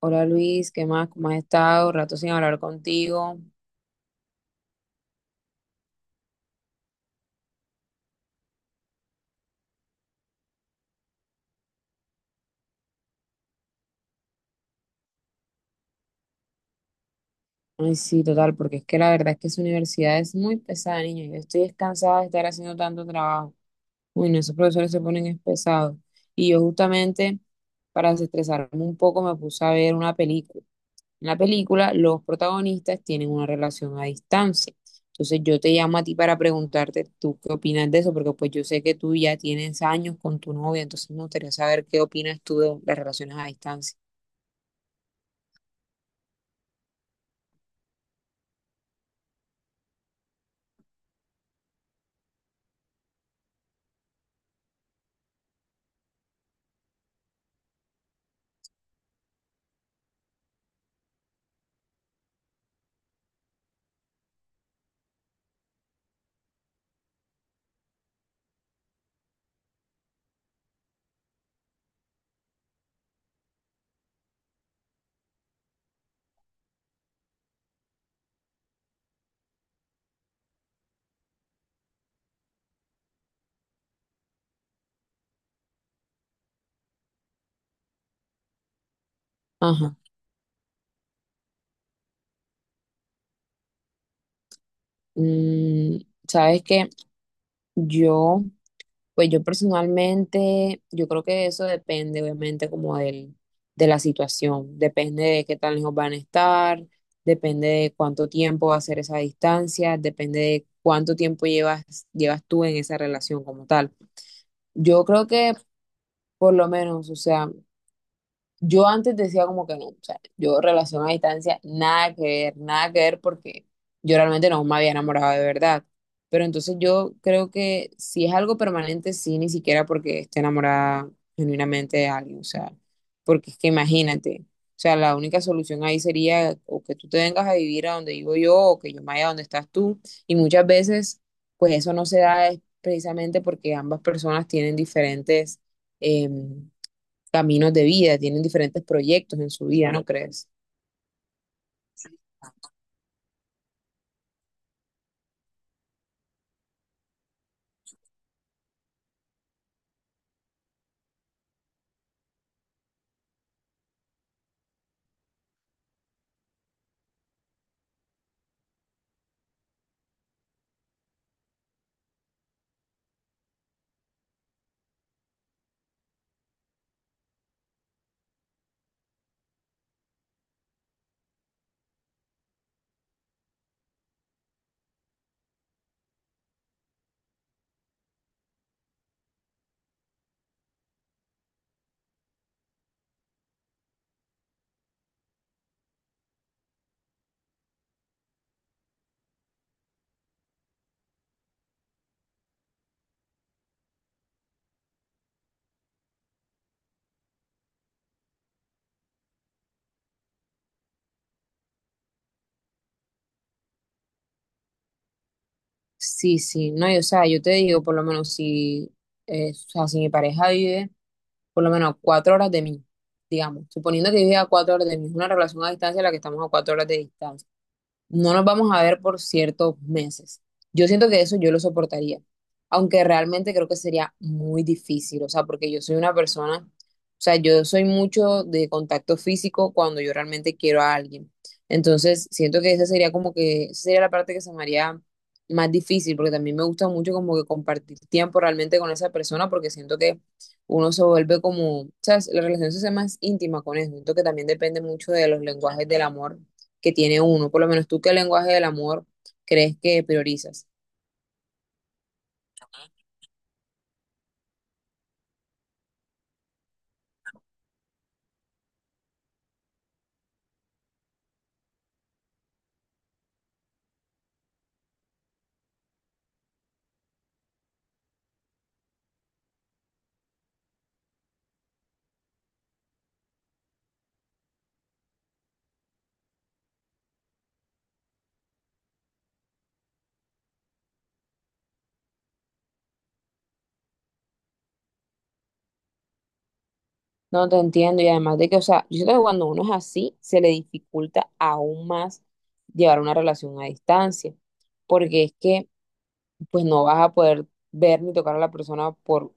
Hola Luis, ¿qué más? ¿Cómo has estado? Rato sin hablar contigo. Ay, sí, total, porque es que la verdad es que esa universidad es muy pesada, niño. Yo estoy descansada de estar haciendo tanto trabajo. Uy, no, esos profesores se ponen es pesados. Y yo justamente, para desestresarme un poco, me puse a ver una película. En la película, los protagonistas tienen una relación a distancia. Entonces yo te llamo a ti para preguntarte tú qué opinas de eso, porque pues yo sé que tú ya tienes años con tu novia, entonces me gustaría saber qué opinas tú de las relaciones a distancia. Ajá. Mm, sabes que yo, pues yo personalmente, yo creo que eso depende obviamente como de la situación, depende de qué tan lejos van a estar, depende de cuánto tiempo va a ser esa distancia, depende de cuánto tiempo llevas, tú en esa relación como tal. Yo creo que por lo menos, o sea, yo antes decía como que no, o sea, yo relación a distancia, nada que ver, nada que ver porque yo realmente no me había enamorado de verdad. Pero entonces yo creo que si es algo permanente, sí, ni siquiera porque esté enamorada genuinamente de alguien, o sea, porque es que imagínate, o sea, la única solución ahí sería o que tú te vengas a vivir a donde vivo yo o que yo me vaya a donde estás tú. Y muchas veces, pues eso no se da es precisamente porque ambas personas tienen diferentes em, caminos de vida, tienen diferentes proyectos en su vida, ¿no crees? Sí, sí, no, y, o sea, yo te digo, por lo menos si, o sea, si mi pareja vive por lo menos a 4 horas de mí, digamos, suponiendo que vive a 4 horas de mí, es una relación a distancia en la que estamos a 4 horas de distancia. No nos vamos a ver por ciertos meses. Yo siento que eso yo lo soportaría, aunque realmente creo que sería muy difícil, o sea, porque yo soy una persona, o sea, yo soy mucho de contacto físico cuando yo realmente quiero a alguien. Entonces, siento que esa sería como que, esa sería la parte que se me haría más difícil, porque también me gusta mucho como que compartir tiempo realmente con esa persona, porque siento que uno se vuelve como, o sea, la relación se hace más íntima con eso. Siento que también depende mucho de los lenguajes del amor que tiene uno. Por lo menos tú, ¿qué lenguaje del amor crees que priorizas? No te entiendo y además de que, o sea, yo siento que cuando uno es así, se le dificulta aún más llevar una relación a distancia, porque es que pues no vas a poder ver ni tocar a la persona por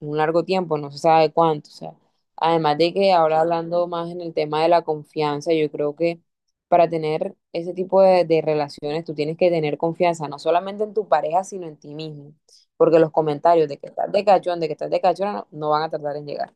un largo tiempo, no se sabe cuánto. O sea, además de que ahora hablando más en el tema de la confianza, yo creo que para tener ese tipo de relaciones tú tienes que tener confianza, no solamente en tu pareja, sino en ti mismo. Porque los comentarios de que estás de cachón, de que estás de cachona, no, no van a tardar en llegar.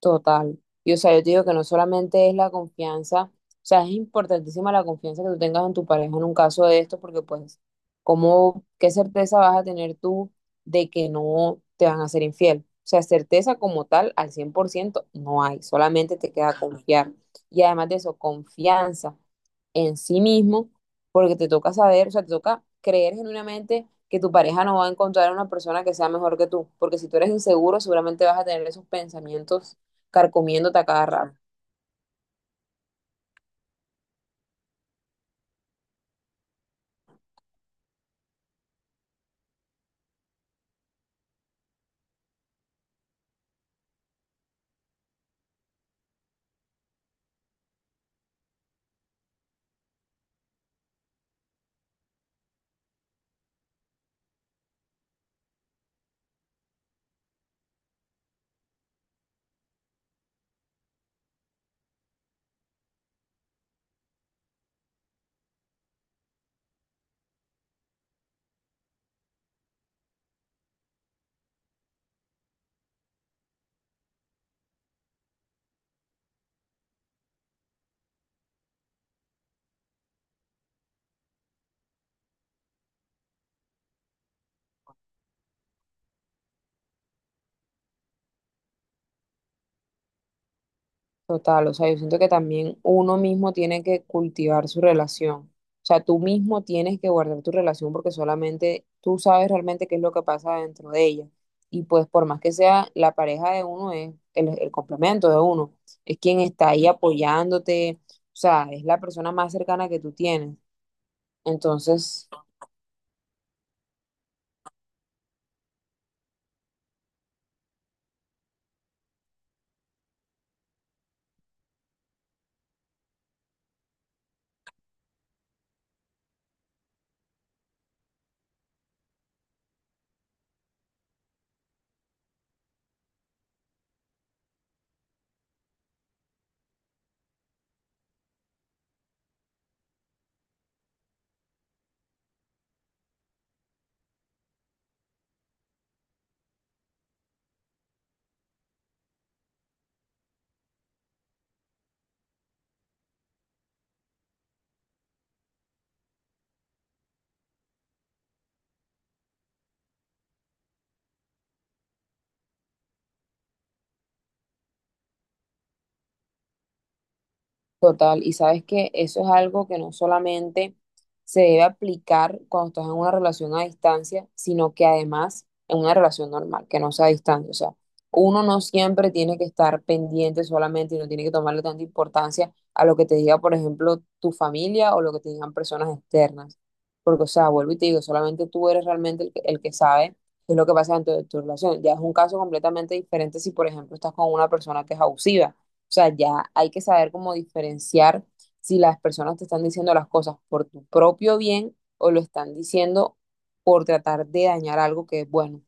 Total. Y o sea, yo te digo que no solamente es la confianza, o sea, es importantísima la confianza que tú tengas en tu pareja en un caso de esto, porque pues, ¿cómo, qué certeza vas a tener tú de que no te van a ser infiel? O sea, certeza como tal al 100% no hay, solamente te queda confiar. Y además de eso, confianza en sí mismo, porque te toca saber, o sea, te toca creer genuinamente que tu pareja no va a encontrar una persona que sea mejor que tú, porque si tú eres inseguro, seguramente vas a tener esos pensamientos carcomiéndote a cada rato. Total, o sea, yo siento que también uno mismo tiene que cultivar su relación. O sea, tú mismo tienes que guardar tu relación porque solamente tú sabes realmente qué es lo que pasa dentro de ella. Y pues por más que sea la pareja de uno, es el complemento de uno, es quien está ahí apoyándote, o sea, es la persona más cercana que tú tienes. Entonces, total, y sabes que eso es algo que no solamente se debe aplicar cuando estás en una relación a distancia, sino que además en una relación normal, que no sea a distancia. O sea, uno no siempre tiene que estar pendiente solamente y no tiene que tomarle tanta importancia a lo que te diga, por ejemplo, tu familia o lo que te digan personas externas. Porque, o sea, vuelvo y te digo, solamente tú eres realmente el que sabe qué es lo que pasa dentro de tu relación. Ya es un caso completamente diferente si, por ejemplo, estás con una persona que es abusiva, o sea, ya hay que saber cómo diferenciar si las personas te están diciendo las cosas por tu propio bien o lo están diciendo por tratar de dañar algo que es bueno.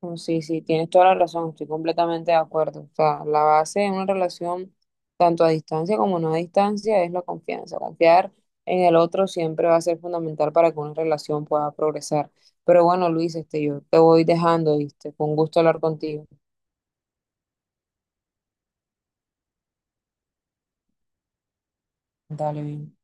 Mm. Sí, sí, tienes toda la razón, estoy completamente de acuerdo. O sea, la base de una relación, tanto a distancia como no a distancia, es la confianza. Confiar en el otro siempre va a ser fundamental para que una relación pueda progresar. Pero bueno, Luis, este, yo te voy dejando, ¿viste? Con gusto hablar contigo. Dale bien.